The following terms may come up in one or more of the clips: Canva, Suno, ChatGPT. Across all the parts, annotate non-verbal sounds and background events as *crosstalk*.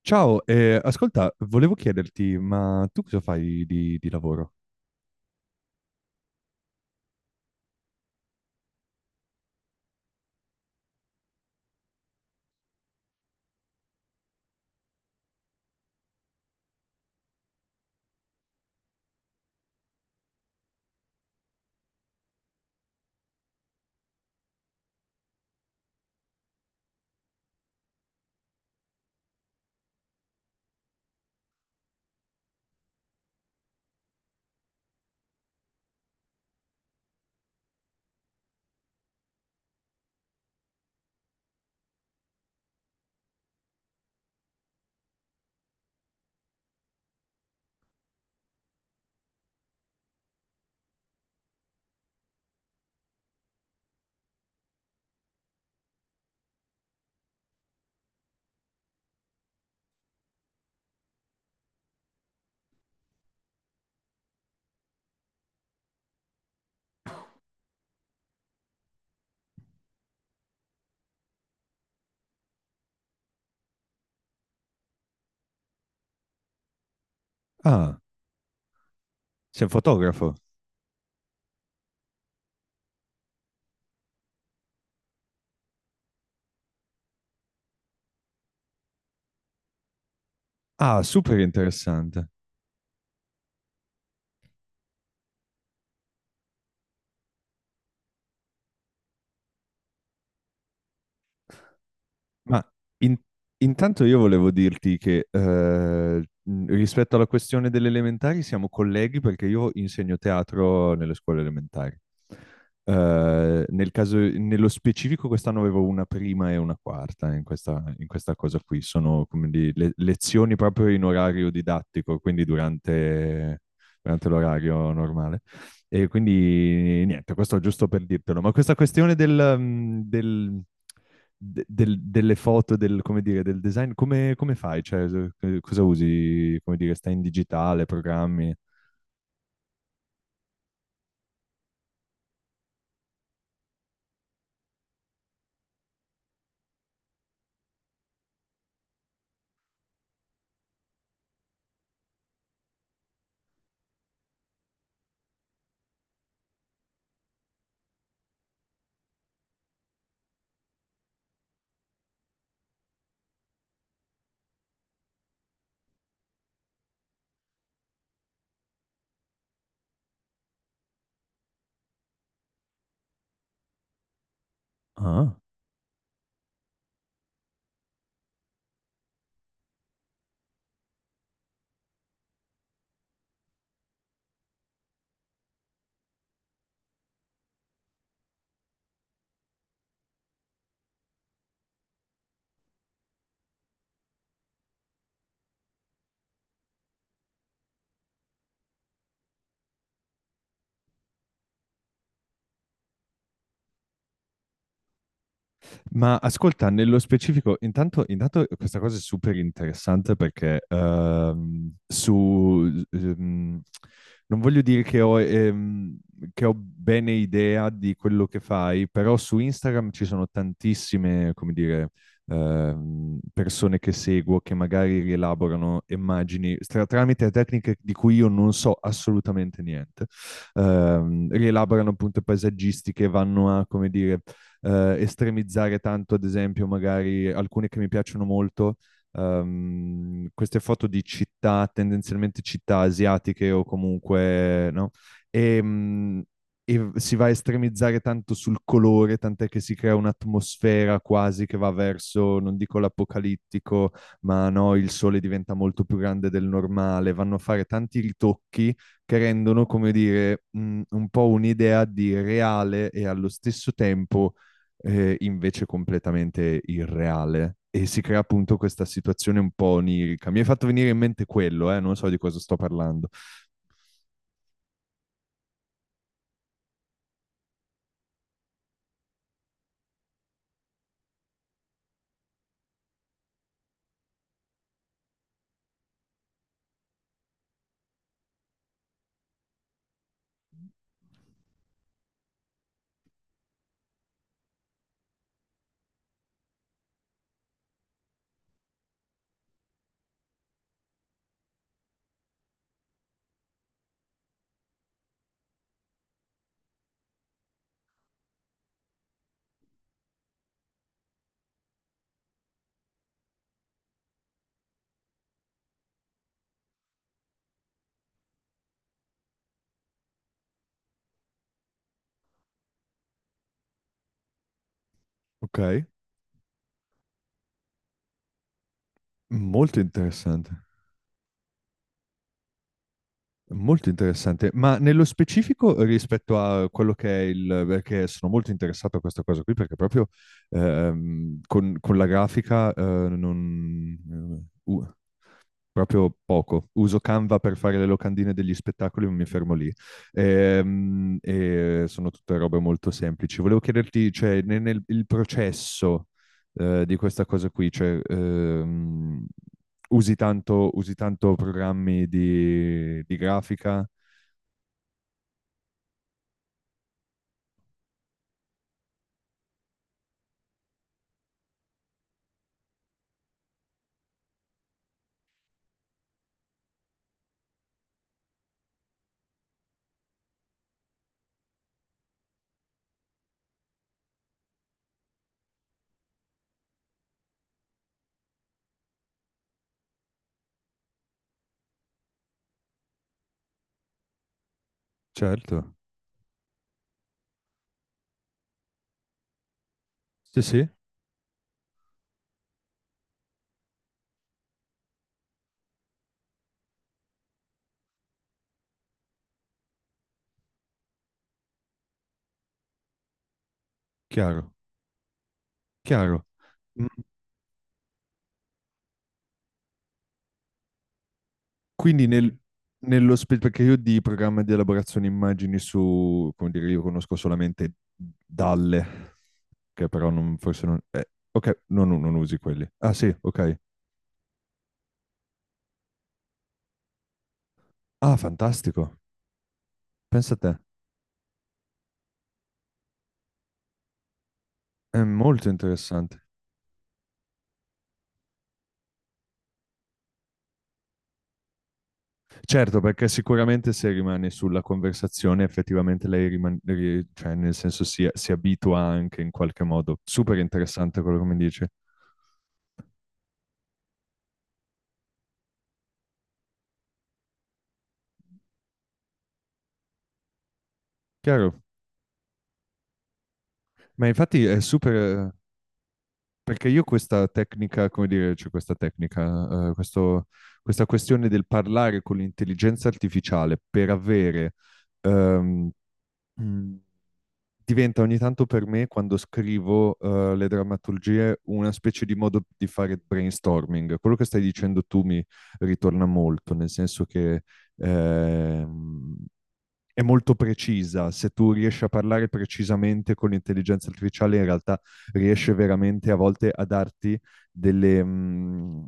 Ciao, ascolta, volevo chiederti, ma tu cosa fai di lavoro? Ah, sei un fotografo? Ah, super interessante. Ma in- intanto io volevo dirti che rispetto alla questione delle elementari siamo colleghi perché io insegno teatro nelle scuole elementari. Nel caso, nello specifico quest'anno avevo una prima e una quarta in questa cosa qui. Sono lezioni proprio in orario didattico, quindi durante l'orario normale. E quindi niente, questo giusto per dirtelo, ma questa questione delle foto, come dire, del design, come fai? Cioè, cosa usi? Come dire, stai in digitale, programmi? Ah. Ma ascolta, nello specifico, intanto questa cosa è super interessante perché non voglio dire che che ho bene idea di quello che fai, però su Instagram ci sono tantissime, come dire, persone che seguo che magari rielaborano immagini tramite tecniche di cui io non so assolutamente niente. Rielaborano appunto paesaggistiche, vanno a, come dire, estremizzare tanto, ad esempio, magari alcune che mi piacciono molto, queste foto di città, tendenzialmente città asiatiche o comunque, no? E, mh, e si va a estremizzare tanto sul colore, tant'è che si crea un'atmosfera quasi che va verso, non dico l'apocalittico, ma no, il sole diventa molto più grande del normale, vanno a fare tanti ritocchi che rendono, come dire, un po' un'idea di reale e allo stesso tempo invece completamente irreale. E si crea appunto questa situazione un po' onirica. Mi hai fatto venire in mente quello, non so di cosa sto parlando. Ok, molto interessante. Molto interessante, ma nello specifico rispetto a quello che è il, perché sono molto interessato a questa cosa qui, perché proprio con la grafica non, proprio poco. Uso Canva per fare le locandine degli spettacoli, ma mi fermo lì. E, sono tutte robe molto semplici. Volevo chiederti, cioè, il processo di questa cosa qui, cioè, usi tanto programmi di grafica? Certo. Sì, sì, chiaro, chiaro. Quindi perché io di programma di elaborazione immagini su, come dire, io conosco solamente Dalle, che però non, forse non. Ok, no, no, non usi quelli. Ah sì, ok. Ah, fantastico. Pensa a te. È molto interessante. Certo, perché sicuramente se rimane sulla conversazione, effettivamente lei rimane, cioè nel senso si abitua anche in qualche modo. Super interessante quello che mi dice. Chiaro. Ma infatti è super. Perché io questa tecnica, come dire, cioè questa tecnica, questa questione del parlare con l'intelligenza artificiale per avere, ehm, mh, diventa ogni tanto per me, quando scrivo, le drammaturgie, una specie di modo di fare brainstorming. Quello che stai dicendo tu mi ritorna molto, nel senso che ehm, è molto precisa. Se tu riesci a parlare precisamente con l'intelligenza artificiale, in realtà riesce veramente a volte a darti delle, mh,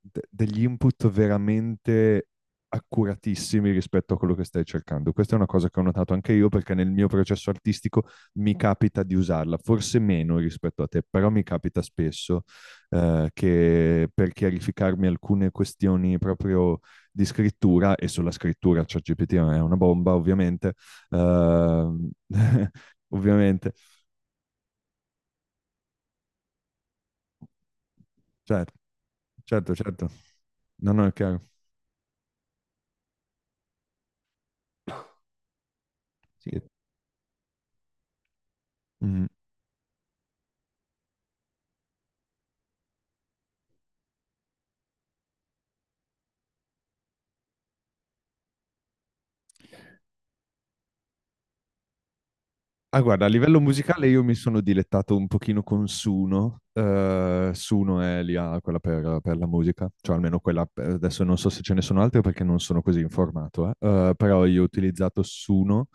degli input veramente accuratissimi rispetto a quello che stai cercando. Questa è una cosa che ho notato anche io perché nel mio processo artistico mi capita di usarla, forse meno rispetto a te, però mi capita spesso che per chiarificarmi alcune questioni proprio di scrittura e sulla scrittura ChatGPT cioè è una bomba ovviamente, uh, *laughs* ovviamente, certo, certo, certo, no, no, è chiaro. Sì. Mm. Ah, guarda, a livello musicale io mi sono dilettato un pochino con Suno. Suno è lì, ah, quella per la musica, cioè almeno quella, adesso non so se ce ne sono altre perché non sono così informato, eh. Però io ho utilizzato Suno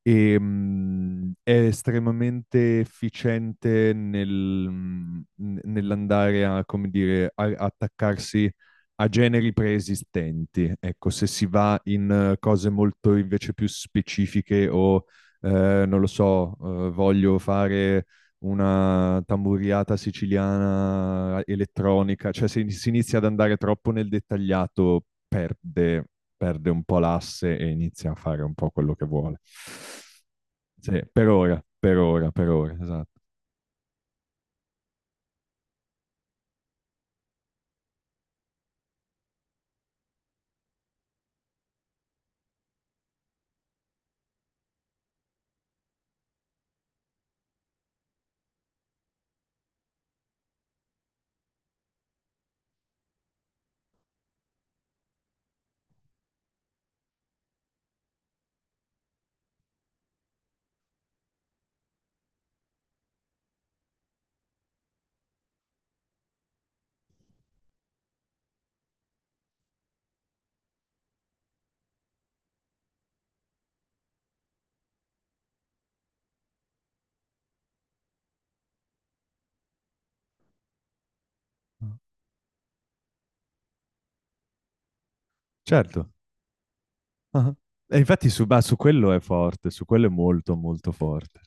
e è estremamente efficiente nell'andare a, come dire, attaccarsi a generi preesistenti. Ecco, se si va in cose molto invece più specifiche o non lo so, voglio fare una tamburiata siciliana elettronica, cioè se si inizia ad andare troppo nel dettagliato perde un po' l'asse e inizia a fare un po' quello che vuole. Sì, per ora, per ora, per ora, esatto. Certo. Ah. E infatti su, bah, su quello è forte, su quello è molto molto forte.